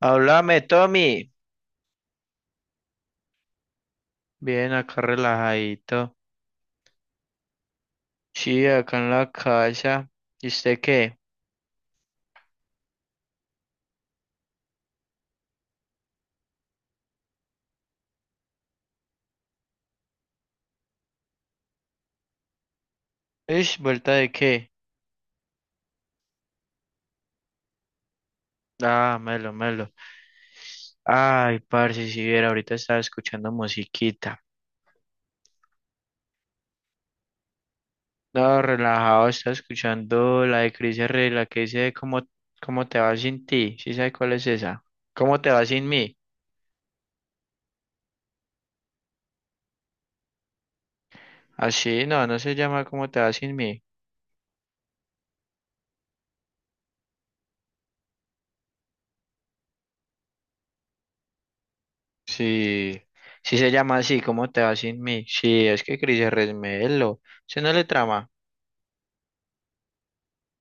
Háblame, Tommy. Bien, acá relajadito. Sí, acá en la casa. ¿Y usted qué? ¿Es vuelta de qué? Ah, melo, melo. Ay, parce, si viera, ahorita estaba escuchando musiquita. No, relajado, estaba escuchando la de Cris Herrera, la que dice cómo, cómo te va sin ti. ¿Sí sabe cuál es esa? ¿Cómo te va sin mí? Así, no, no se llama cómo te va sin mí. Sí, sí se llama así, cómo te va sin mí. Sí, es que Cris Herrera es melo. ¿Se no le trama?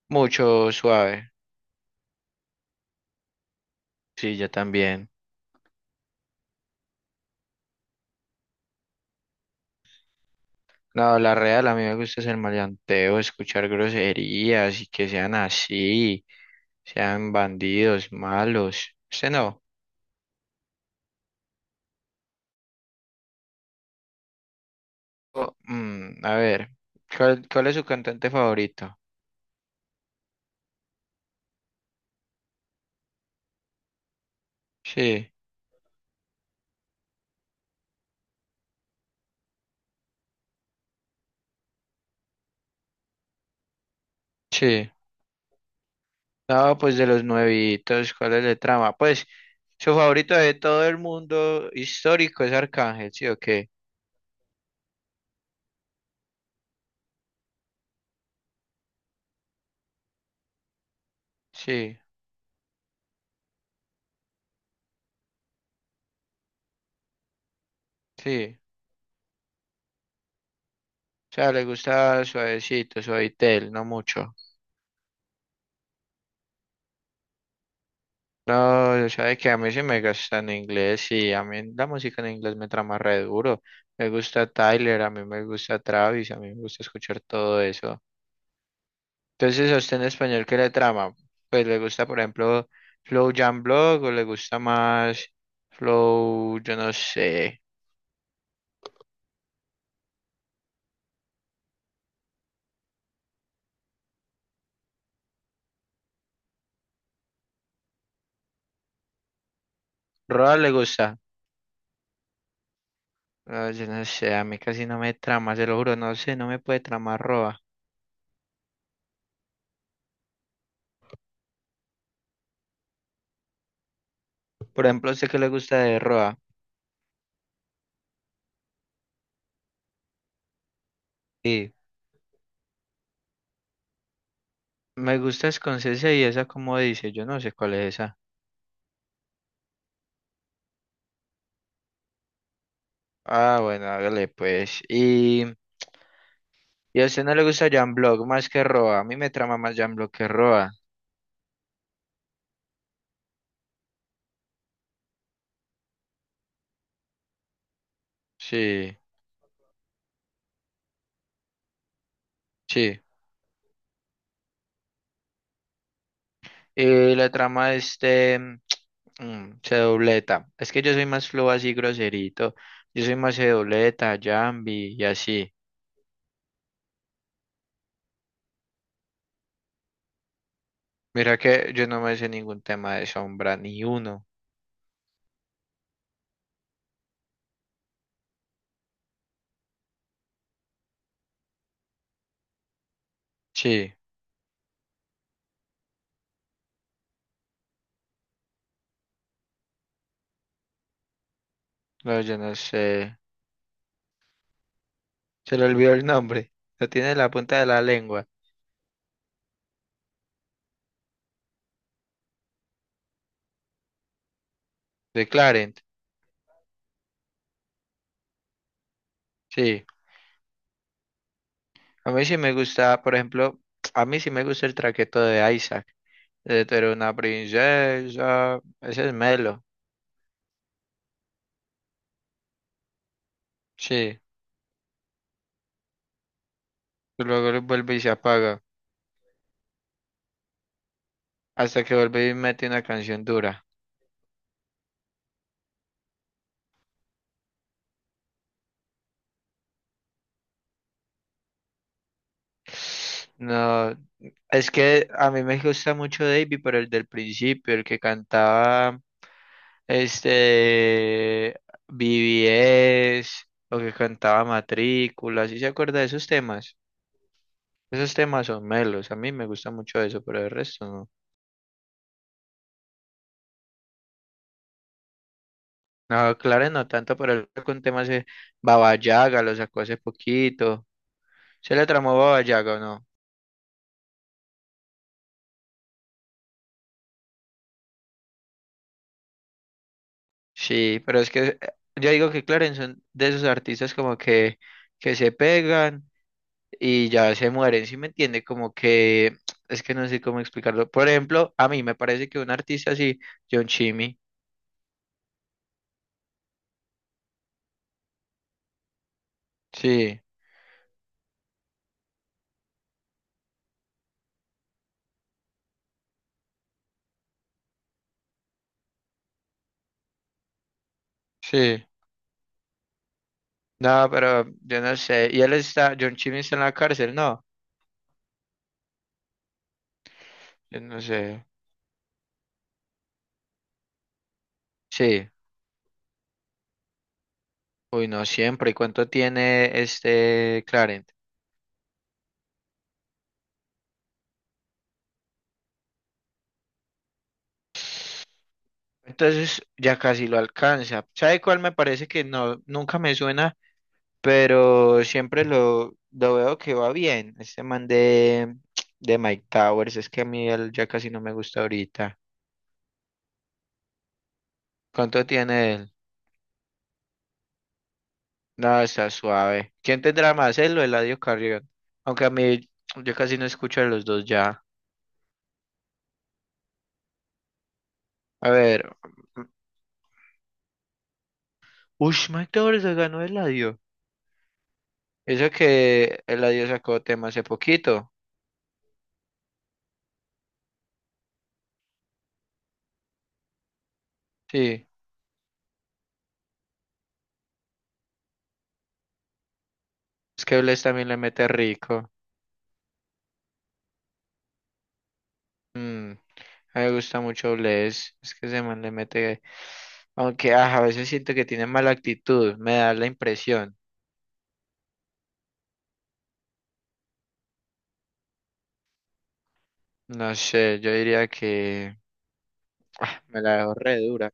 Mucho suave. Sí, yo también. No, la real, a mí me gusta hacer maleanteo, escuchar groserías y que sean así, sean bandidos, malos. Usted no. A ver, ¿cuál es su cantante favorito? Sí, sí. No, pues de los nuevitos, ¿cuál es el trama? Pues su favorito de todo el mundo histórico es Arcángel, ¿sí o qué? Sí, sí. O sea, le gusta suavecito, suavitel, no mucho. No, yo sabe que a mí sí me gusta en inglés y a mí la música en inglés me trama re duro. Me gusta Tyler, a mí me gusta Travis, a mí me gusta escuchar todo eso. Entonces, ¿a usted en español qué le trama? Pues le gusta, por ejemplo, Flow Jam Block o le gusta más Flow, yo no sé. Roa le gusta. Ah, yo no sé, a mí casi no me trama, se lo juro, no sé, no me puede tramar Roa. Por ejemplo, ¿a usted qué le gusta de Roa? Sí. Me gusta Scorsese y esa como dice, yo no sé cuál es esa. Ah, bueno, hágale pues. Y a usted no le gusta Jan Block más que Roa. A mí me trama más Jan Block que Roa. Sí, sí. Y la trama de este se dobleta. Es que yo soy más flow así groserito. Yo soy más se dobleta, Jambi y así. Mira que yo no me sé ningún tema de sombra, ni uno. Sí, no, yo no sé. Se le olvidó el nombre. Lo tiene en la punta de la lengua. De Clarent. Sí. A mí sí me gusta, por ejemplo, a mí sí me gusta el traqueto de Isaac. De tú eres una princesa. Ese es Melo. Sí. Y luego lo vuelve y se apaga. Hasta que vuelve y mete una canción dura. No. Es que a mí me gusta mucho Davey, pero el del principio, el que cantaba este BBS o que cantaba Matrícula. ¿Sí se acuerda de esos temas? Esos temas son melos. A mí me gusta mucho eso, pero el resto no. No, claro, no tanto, pero él sacó un tema hace Baba Yaga, lo sacó hace poquito. ¿Se le tramó Baba Yaga o no? Sí, pero es que yo digo que Clarence son de esos artistas como que se pegan y ya se mueren, ¿sí me entiende? Como que es que no sé cómo explicarlo. Por ejemplo, a mí me parece que un artista así, John Chimmy. Sí, sí. No, pero yo no sé. Y él está, John Chimmy está en la cárcel, no. Yo no sé. Sí. Uy, no siempre. ¿Y cuánto tiene este Clarence? Entonces ya casi lo alcanza. ¿Sabe cuál me parece que no, nunca me suena, pero siempre lo veo que va bien? Este man de Mike Towers, es que a mí él ya casi no me gusta ahorita. ¿Cuánto tiene él? No, está suave. ¿Quién tendrá más, él o Eladio Carrión? Aunque a mí yo casi no escucho a los dos ya. A ver. Ush, Mike Towers se ganó Eladio. Eso que Eladio sacó tema hace poquito. Sí, es que Bless también le mete rico. Mm, a mí me gusta mucho Bless. Es que ese man le mete. Aunque a veces siento que tiene mala actitud, me da la impresión. No sé, yo diría que me la dejo re dura.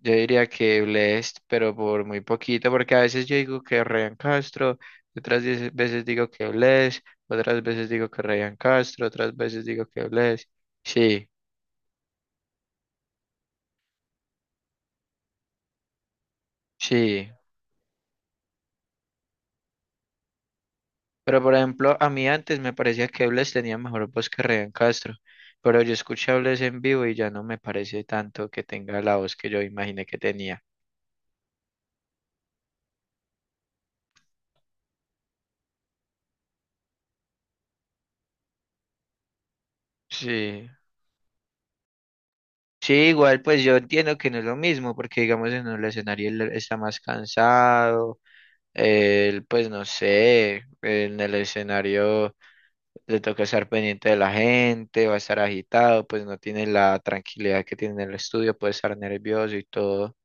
Yo diría que Blessed, pero por muy poquito, porque a veces yo digo que Ryan Castro, otras 10 veces digo que Blessed, otras veces digo que Ryan Castro, otras veces digo que Blessed. Sí, sí. Pero por ejemplo, a mí antes me parecía que Bless tenía mejor voz que Ryan Castro, pero yo escuché a Bless en vivo y ya no me parece tanto que tenga la voz que yo imaginé que tenía. Sí, Sí, igual pues yo entiendo que no es lo mismo, porque digamos en el escenario él está más cansado, él pues no sé, en el escenario le toca estar pendiente de la gente, va a estar agitado, pues no tiene la tranquilidad que tiene en el estudio, puede estar nervioso y todo.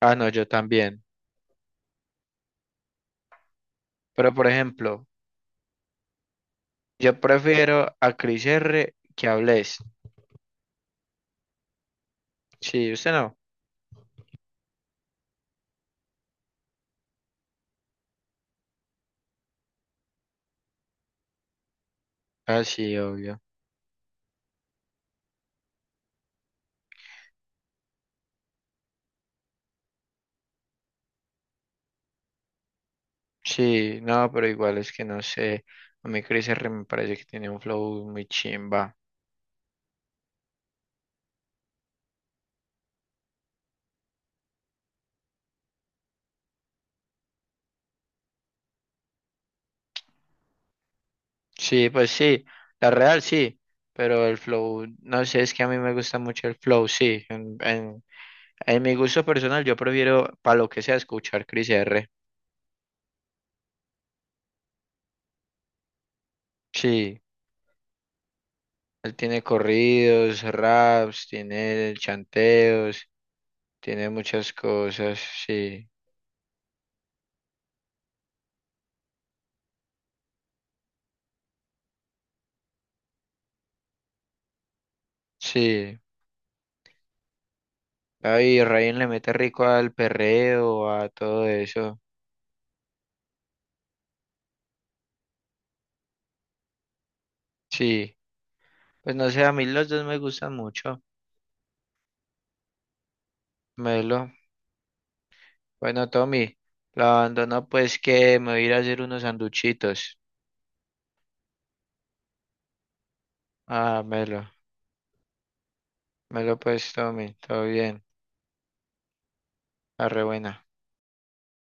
Ah, no, yo también. Pero por ejemplo... Yo prefiero a Chris R que a Bless. Sí, usted no. Ah, sí, obvio. Sí, no, pero igual es que no sé. A mí Chris R me parece que tiene un flow muy chimba. Sí, pues sí. La real sí. Pero el flow, no sé, es que a mí me gusta mucho el flow, sí. En mi gusto personal, yo prefiero, para lo que sea, escuchar Chris R. Sí, él tiene corridos, raps, tiene chanteos, tiene muchas cosas, sí. Sí, ay, Ryan le mete rico al perreo, a todo eso. Sí, pues no sé, a mí los dos me gustan mucho. Melo. Bueno, Tommy, la abandono pues que me voy a ir a hacer unos sanduchitos. Ah, melo. Melo pues, Tommy, todo bien. Arre buena.